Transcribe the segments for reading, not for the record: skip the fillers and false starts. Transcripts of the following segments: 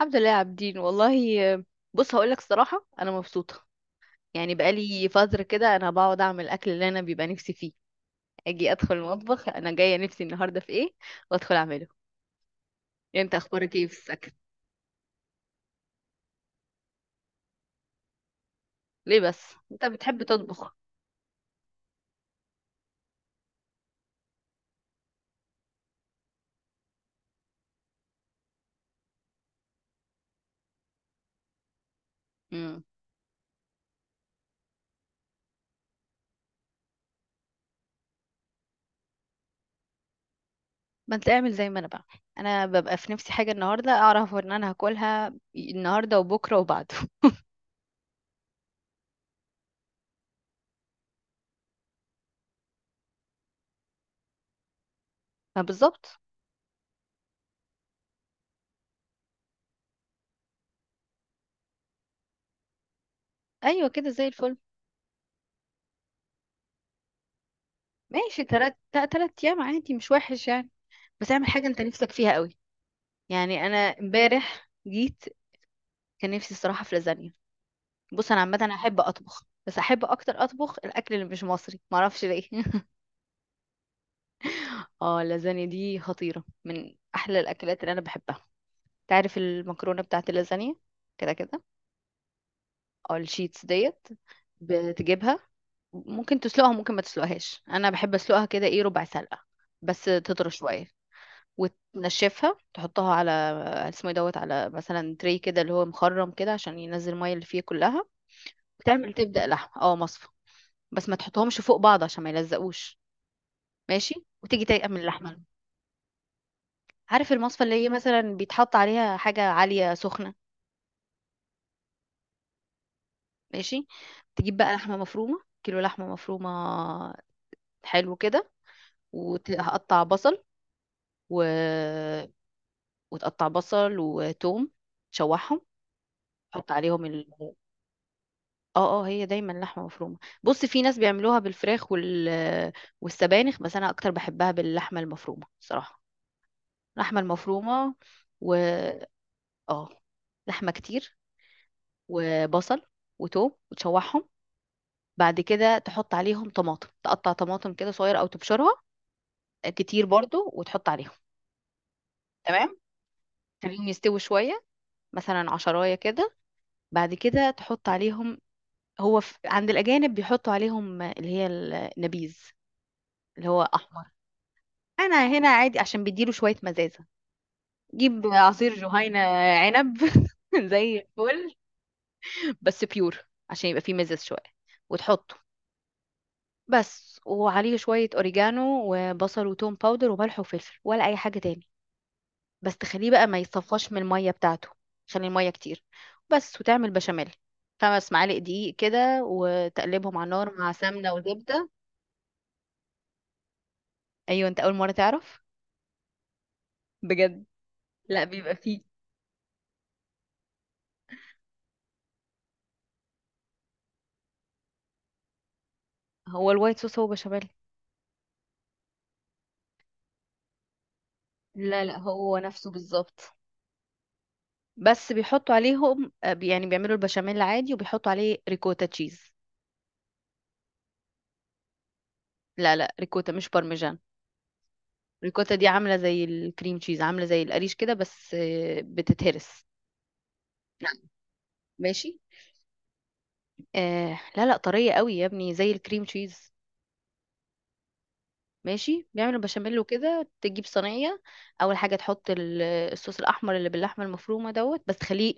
الحمد لله يا عابدين والله. بص، هقول لك الصراحه انا مبسوطه. يعني بقالي فتره كده انا بقعد اعمل الاكل اللي انا بيبقى نفسي فيه. اجي ادخل المطبخ انا جايه نفسي النهارده في ايه، وادخل اعمله. يعني انت اخبارك ايه في السكن؟ ليه بس؟ انت بتحب تطبخ؟ امم. ما انت اعمل زي ما انا بعمل. انا ببقى في نفسي حاجه النهارده اعرف ان انا هاكلها النهارده وبكره وبعده. ما بالظبط. ايوه كده زي الفل. ماشي، تلات تلات تلات ايام عادي مش وحش يعني. بس اعمل حاجه انت نفسك فيها قوي. يعني انا امبارح جيت، كان نفسي الصراحة في لازانيا. بص، انا عامة انا احب اطبخ، بس احب اكتر اطبخ الاكل اللي مش مصري، معرفش ليه. اه، اللازانيا دي خطيرة، من احلى الاكلات اللي انا بحبها. تعرف المكرونة بتاعت اللازانيا؟ كده كده. او الشيتس ديت. بتجيبها، ممكن تسلقها ممكن ما تسلقهاش، انا بحب اسلقها كده ايه ربع سلقة، بس تطرى شوية. وتنشفها، تحطها على اسمه إيه دوت، على مثلا تري كده اللي هو مخرم كده عشان ينزل المية اللي فيه كلها. بتعمل تبدأ لحمة. اه، مصفى. بس ما تحطهمش فوق بعض عشان ما يلزقوش. ماشي. وتيجي تايقه من اللحمه. عارف المصفى اللي هي مثلا بيتحط عليها حاجه عاليه سخنه. ماشي. تجيب بقى لحمه مفرومه، كيلو لحمه مفرومه. حلو كده. وهقطع بصل و... وتقطع بصل وتوم، تشوحهم. تحط عليهم ال... اه اه، هي دايما لحمه مفرومه. بص، في ناس بيعملوها بالفراخ والسبانخ، بس انا اكتر بحبها باللحمه المفرومه صراحه. اللحمه المفرومه و... اه، لحمة كتير. وبصل وتوم، وتشوحهم. بعد كده تحط عليهم طماطم، تقطع طماطم كده صغير او تبشرها، كتير برضو، وتحط عليهم. تمام. تخليهم يستووا شوية، مثلا عشراية كده. بعد كده تحط عليهم، عند الأجانب بيحطوا عليهم اللي هي النبيذ، اللي هو أحمر. أنا هنا عادي عشان بيديله شوية مزازة. جيب عصير جهينة عنب. زي الفل. بس بيور عشان يبقى فيه مزاز شوية، وتحطه. بس، وعليه شوية أوريجانو وبصل وتوم باودر وملح وفلفل ولا أي حاجة تاني. بس تخليه بقى ما يصفاش من المية بتاعته، عشان المية كتير. بس، وتعمل بشاميل. 5 معالق دقيق كده وتقلبهم على النار مع سمنة وزبدة. أيوة، أنت أول مرة تعرف؟ بجد. لا، بيبقى فيه. هو الوايت صوص هو بشاميل. لا لا، هو نفسه بالظبط. بس بيحطوا عليهم يعني بيعملوا البشاميل عادي وبيحطوا عليه ريكوتا تشيز. لا لا، ريكوتا مش بارميجان. الريكوتا دي عاملة زي الكريم تشيز، عاملة زي القريش كده، بس بتتهرس. ماشي. آه، لا لا، طرية قوي يا ابني، زي الكريم تشيز. ماشي، بيعمل البشاميل وكده تجيب صينية. أول حاجة تحط الصوص الأحمر اللي باللحمة المفرومة دوت، بس تخليه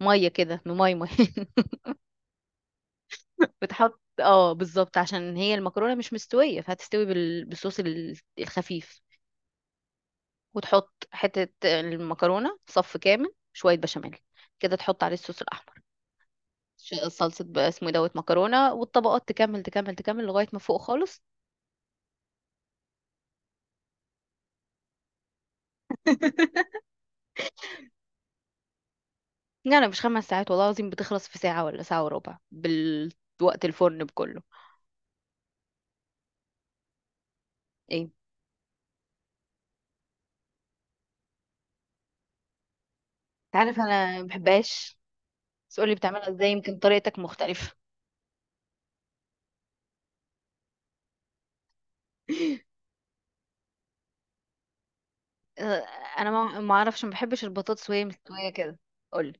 مية كده، انه مية مية. بتحط بالظبط عشان هي المكرونة مش مستوية فهتستوي بالصوص الخفيف. وتحط حتة المكرونة، صف كامل، شوية بشاميل، كده تحط عليه الصوص الأحمر. صلصة بقى اسمه إيه دوت، مكرونة، والطبقات تكمل تكمل تكمل لغاية ما فوق خالص. يعني مش 5 ساعات، والله العظيم بتخلص في ساعة ولا ساعة وربع بالوقت الفرن بكله. ايه؟ عارف انا ما بحبهاش. بس قولي بتعملها ازاي، يمكن طريقتك مختلفة. آه، انا ما اعرفش ما بحبش البطاطس وهي مستوية كده. قولي.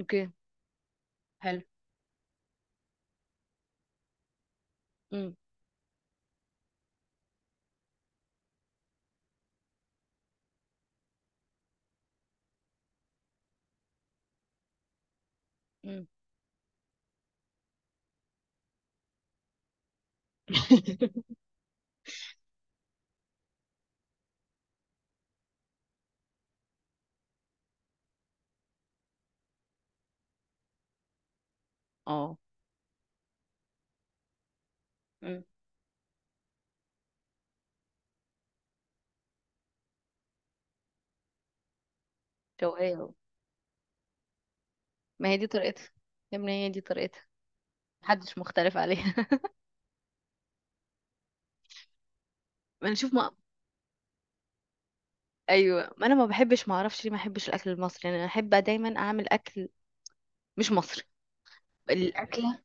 اوكي. حلو. امم. امم. اه. امم. شوقية أهو. ما هي دي طريقتها. يا ابني، هي دي طريقتها. محدش مختلف عليها. ما نشوف. ايوه، ما انا ما بحبش، ما اعرفش ليه ما بحبش الاكل المصري، يعني انا احب دايما اعمل اكل مش مصري. أكلة.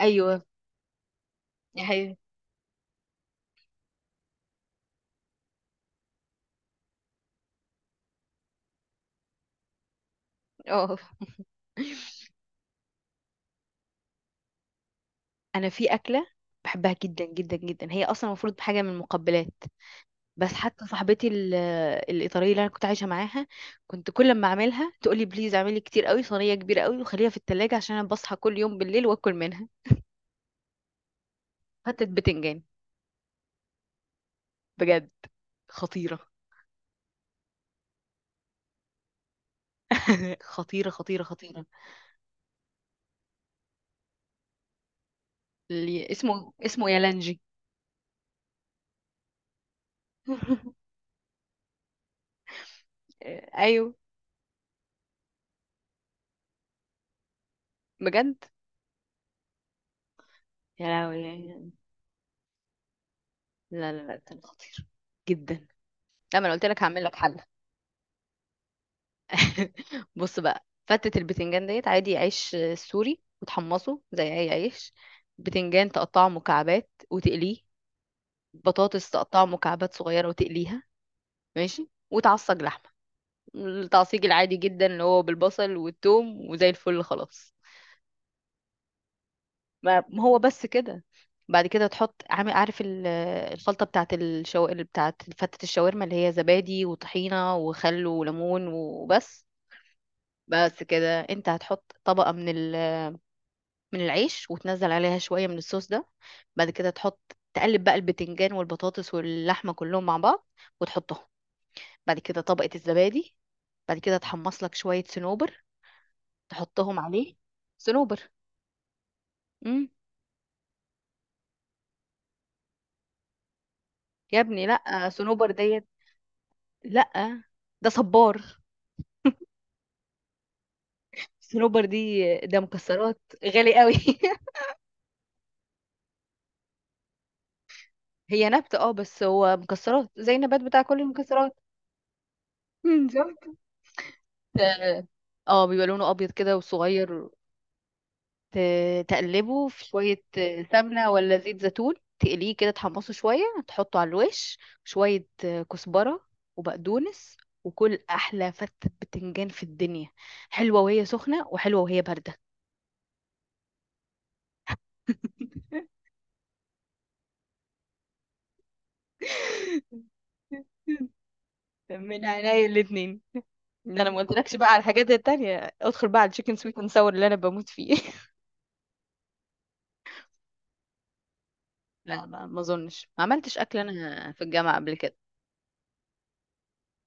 ايوه. يا حبيبي. اه. انا في اكله بحبها جدا جدا جدا، هي اصلا المفروض حاجه من المقبلات. بس حتى صاحبتي الايطاليه اللي انا كنت عايشه معاها، كنت كل ما اعملها تقول لي بليز اعملي كتير قوي، صينيه كبيره قوي، وخليها في التلاجة عشان انا بصحى كل يوم بالليل واكل منها. فتت بتنجان. بجد. خطيره. خطيره خطيره خطيره. اللي اسمه يالانجي. ايوه. بجد. يا لهوي يعني. لا لا لا، كان خطير جدا. لا، ما انا قلت لك هعمل لك حل. بص بقى، فتة البتنجان ديت عادي. عيش سوري وتحمصه زي اي عيش. بتنجان تقطعه مكعبات وتقليه. بطاطس تقطعه مكعبات صغيرة وتقليها. ماشي. وتعصج لحمة، التعصيج العادي جدا اللي هو بالبصل والثوم، وزي الفل خلاص. ما هو بس كده. بعد كده تحط، عامل عارف الخلطة بتاعت بتاعت فتة الشاورما، اللي هي زبادي وطحينة وخل وليمون، وبس. بس كده انت هتحط طبقة من من العيش، وتنزل عليها شوية من الصوص ده. بعد كده تحط، تقلب بقى البتنجان والبطاطس واللحمة كلهم مع بعض، وتحطهم. بعد كده طبقة الزبادي. بعد كده تحمص لك شوية صنوبر، تحطهم عليه. صنوبر. امم. يا ابني لا، صنوبر ديت. لا. ده صبار. صنوبر دي ده مكسرات غالي قوي. هي نبتة اه، بس هو مكسرات زي النبات بتاع كل المكسرات. مم، شفت. اه. بيبقى لونه ابيض كده وصغير. تقلبه في شوية سمنة ولا زيت زيتون، تقليه كده تحمصه شوية. تحطه على الوش، شوية كزبرة وبقدونس، وكل أحلى فتة بتنجان في الدنيا. حلوة وهي سخنة وحلوة وهي باردة. من عينيا الاتنين. ده انا ما قلتلكش بقى على الحاجات التانية، ادخل بقى على التشيكن سويت اند ساور اللي انا بموت فيه. لا، ما اظنش ما عملتش اكل انا في الجامعة قبل كده.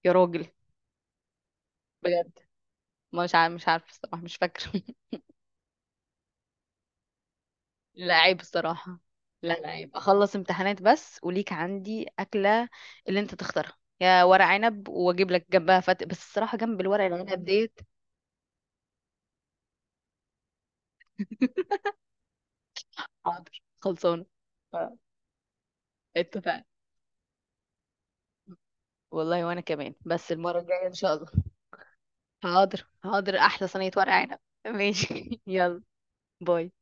يا راجل. بجد. مش عارفه الصراحة، مش فاكرة. لا، عيب الصراحة. لا لا، عيب. اخلص امتحانات بس وليك عندي اكلة اللي انت تختارها، يا ورق عنب واجيب لك جنبها بس الصراحة جنب الورق العنب ديت. حاضر، خلصانة. ف- اتفقنا. والله، وانا كمان، بس المرة الجاية ان شاء الله. حاضر حاضر، احلى صينية ورق عنب. ماشي. يلا. باي.